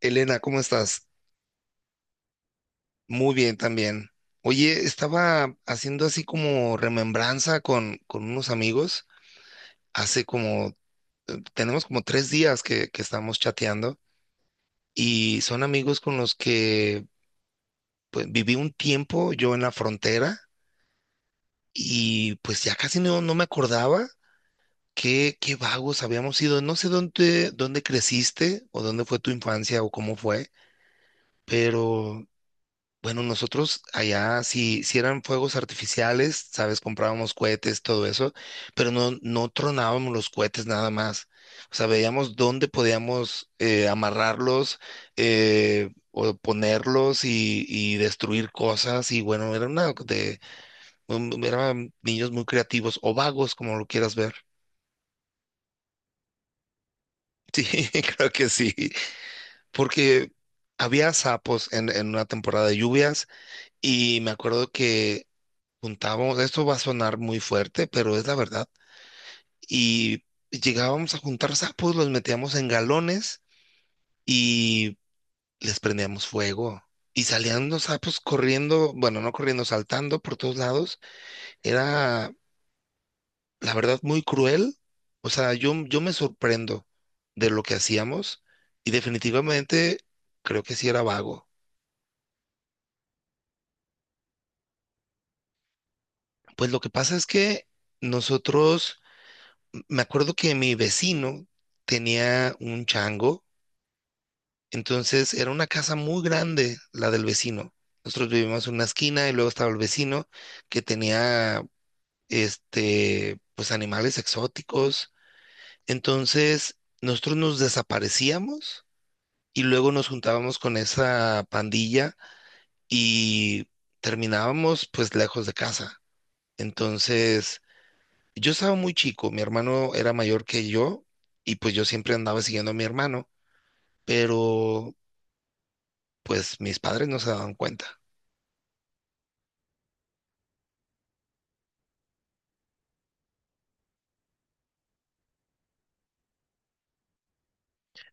Elena, ¿cómo estás? Muy bien también. Oye, estaba haciendo así como remembranza con unos amigos. Hace como, tenemos como 3 días que estamos chateando y son amigos con los que pues, viví un tiempo yo en la frontera y pues ya casi no me acordaba qué vagos habíamos sido. No sé dónde creciste o dónde fue tu infancia o cómo fue, pero bueno, nosotros allá, si eran fuegos artificiales, sabes, comprábamos cohetes, todo eso, pero no tronábamos los cohetes nada más. O sea, veíamos dónde podíamos amarrarlos o ponerlos y destruir cosas. Y bueno, eran niños muy creativos o vagos, como lo quieras ver. Sí, creo que sí, porque había sapos en una temporada de lluvias y me acuerdo que juntábamos, esto va a sonar muy fuerte, pero es la verdad. Y llegábamos a juntar sapos, los metíamos en galones y les prendíamos fuego. Y salían los sapos corriendo, bueno, no corriendo, saltando por todos lados. Era, la verdad, muy cruel. O sea, yo me sorprendo de lo que hacíamos y definitivamente creo que sí era vago. Pues lo que pasa es que nosotros, me acuerdo que mi vecino tenía un chango. Entonces era una casa muy grande, la del vecino. Nosotros vivíamos en una esquina y luego estaba el vecino que tenía, pues animales exóticos. Entonces nosotros nos desaparecíamos y luego nos juntábamos con esa pandilla y terminábamos pues lejos de casa. Entonces yo estaba muy chico, mi hermano era mayor que yo y pues yo siempre andaba siguiendo a mi hermano, pero pues mis padres no se daban cuenta.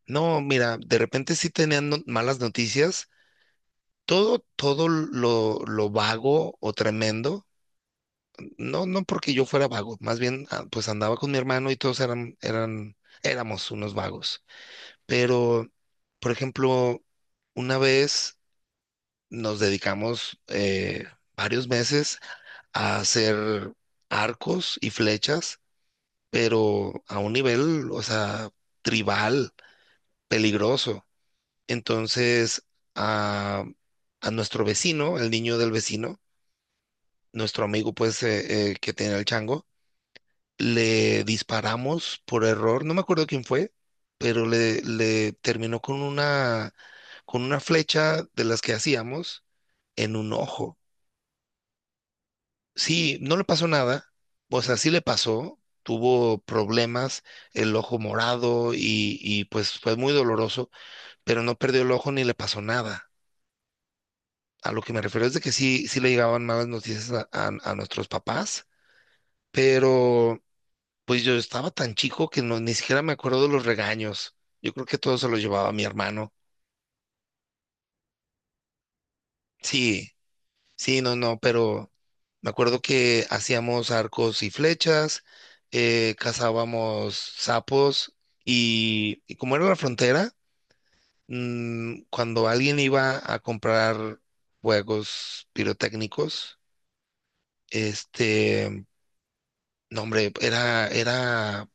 No, mira, de repente sí tenían malas noticias. Todo lo vago o tremendo, no, no porque yo fuera vago, más bien pues andaba con mi hermano y todos éramos unos vagos. Pero, por ejemplo, una vez nos dedicamos varios meses a hacer arcos y flechas, pero a un nivel, o sea, tribal, peligroso. Entonces, a, a nuestro vecino, el niño del vecino, nuestro amigo, pues, que tenía el chango, le disparamos por error, no me acuerdo quién fue, pero le terminó con una, flecha de las que hacíamos en un ojo. Sí, no le pasó nada, o sea, sí le pasó, tuvo problemas, el ojo morado y pues fue muy doloroso, pero no perdió el ojo ni le pasó nada. A lo que me refiero es de que sí, sí le llegaban malas noticias a nuestros papás, pero pues yo estaba tan chico que no, ni siquiera me acuerdo de los regaños. Yo creo que todo se lo llevaba mi hermano. Sí, sí, no, no, pero me acuerdo que hacíamos arcos y flechas, cazábamos sapos y como era la frontera, cuando alguien iba a comprar juegos pirotécnicos, este no, hombre, era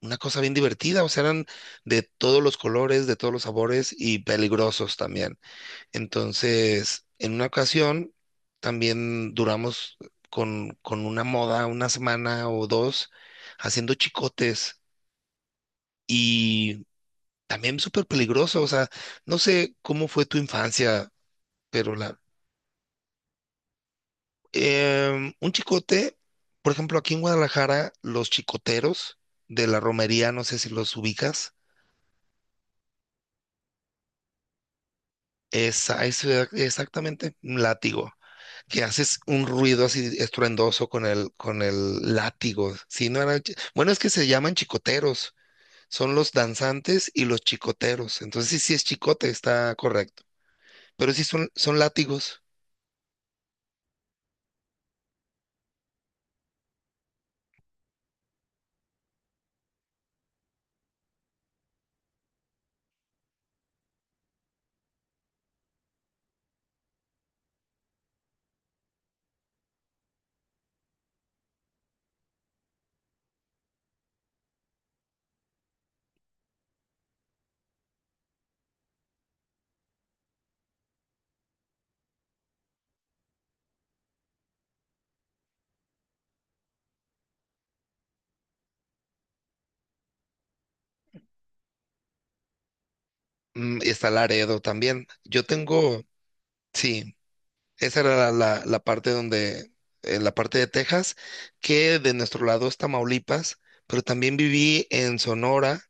una cosa bien divertida, o sea, eran de todos los colores, de todos los sabores y peligrosos también. Entonces, en una ocasión, también duramos con una moda, una semana o dos, haciendo chicotes y también súper peligroso, o sea, no sé cómo fue tu infancia, pero la, un chicote, por ejemplo, aquí en Guadalajara, los chicoteros de la romería, no sé si los ubicas. Eso era exactamente, un látigo, que haces un ruido así estruendoso con el, látigo. Si no era, bueno, es que se llaman chicoteros, son los danzantes y los chicoteros. Entonces sí, sí es chicote, está correcto. Pero sí son látigos. Mm, y está Laredo también. Yo tengo, sí, esa era la, la parte donde, en la parte de Texas, que de nuestro lado es Tamaulipas, pero también viví en Sonora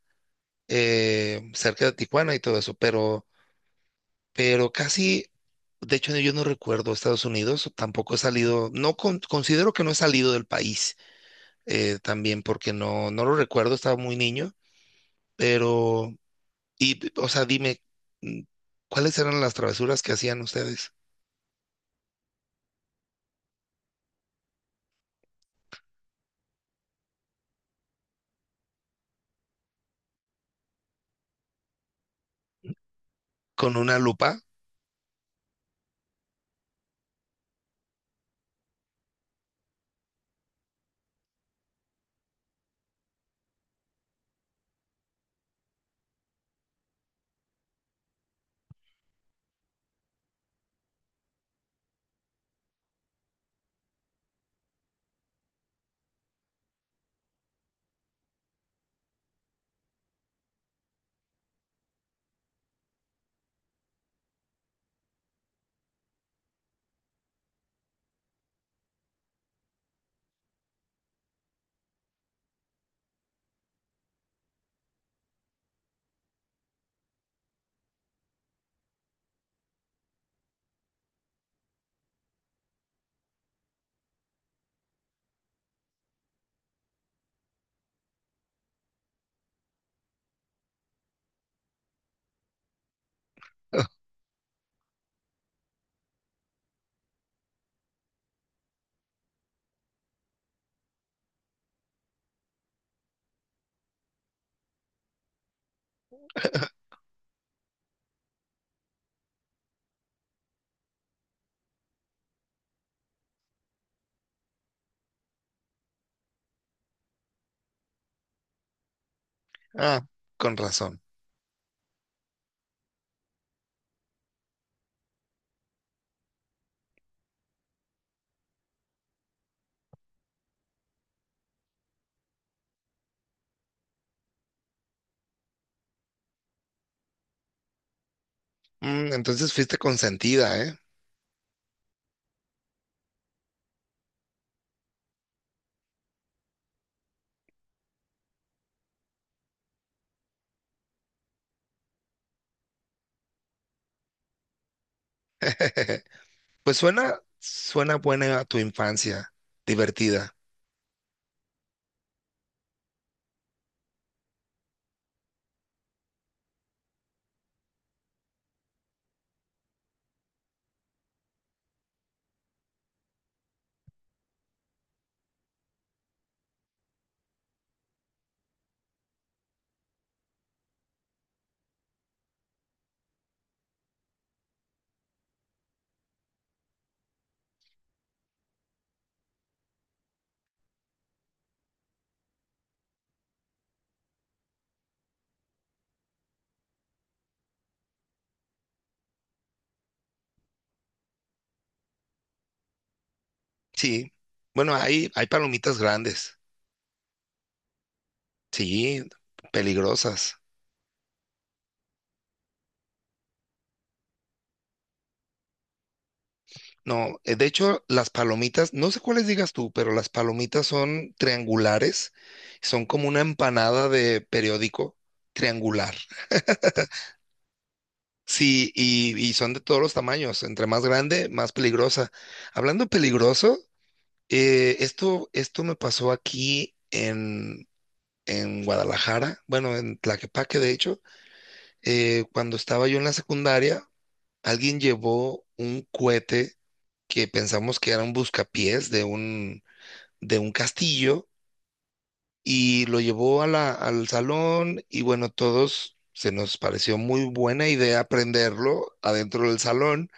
cerca de Tijuana y todo eso, pero casi, de hecho yo no recuerdo Estados Unidos, tampoco he salido, considero que no he salido del país también porque no lo recuerdo, estaba muy niño, pero, y, o sea, dime, mm, ¿cuáles eran las travesuras que hacían ustedes? ¿Con una lupa? Ah, con razón. Mm, entonces fuiste consentida, ¿eh? Pues suena buena tu infancia, divertida. Sí, bueno, hay palomitas grandes, sí, peligrosas. No, de hecho, las palomitas, no sé cuáles digas tú, pero las palomitas son triangulares, son como una empanada de periódico triangular. Sí, y son de todos los tamaños, entre más grande, más peligrosa. Hablando peligroso, esto me pasó aquí en Guadalajara, bueno, en Tlaquepaque, de hecho, cuando estaba yo en la secundaria alguien llevó un cohete que pensamos que era un buscapiés de un castillo y lo llevó al salón y bueno, todos se nos pareció muy buena idea prenderlo adentro del salón,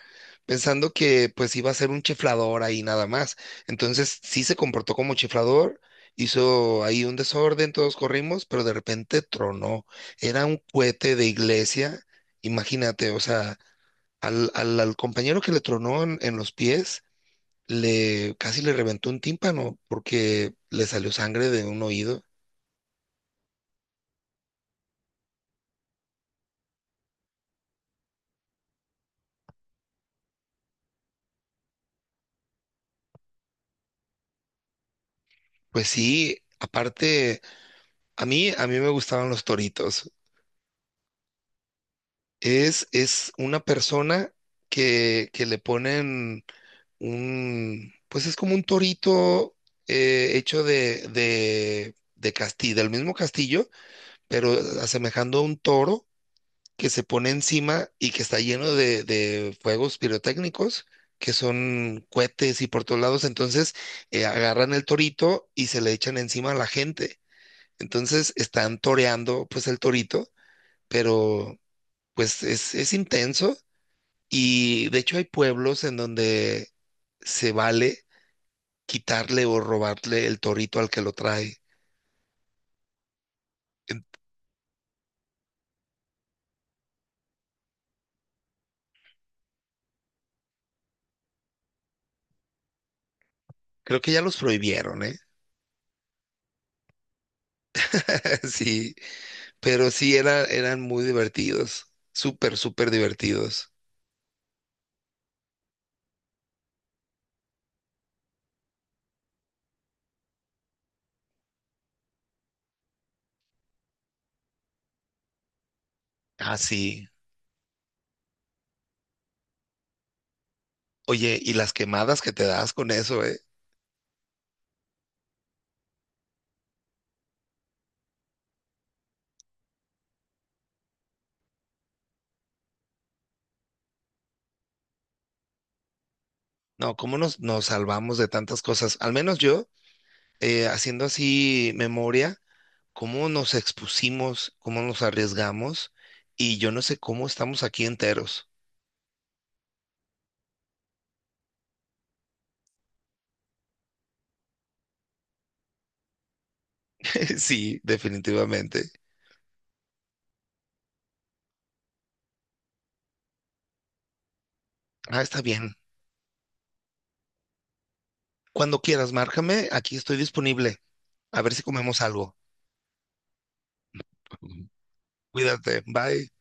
pensando que pues iba a ser un chiflador ahí nada más. Entonces sí se comportó como chiflador. Hizo ahí un desorden, todos corrimos, pero de repente tronó. Era un cohete de iglesia, imagínate, o sea, al compañero que le tronó en los pies, le casi le reventó un tímpano porque le salió sangre de un oído. Pues sí, aparte, a mí me gustaban los toritos. Es una persona que le ponen pues es como un torito hecho de castillo, del mismo castillo, pero asemejando a un toro que se pone encima y que está lleno de fuegos pirotécnicos, que son cohetes y por todos lados. Entonces agarran el torito y se le echan encima a la gente. Entonces están toreando pues el torito, pero pues es intenso y de hecho hay pueblos en donde se vale quitarle o robarle el torito al que lo trae. En- Creo que ya los prohibieron, ¿eh? Sí. Pero sí, eran muy divertidos, súper, súper divertidos. Ah, sí. Oye, y las quemadas que te das con eso, ¿eh? No, ¿cómo nos salvamos de tantas cosas? Al menos yo, haciendo así memoria, cómo nos expusimos, cómo nos arriesgamos, y yo no sé cómo estamos aquí enteros. Sí, definitivamente. Ah, está bien. Cuando quieras, márcame, aquí estoy disponible. A ver si comemos algo. Ujú. Cuídate, bye.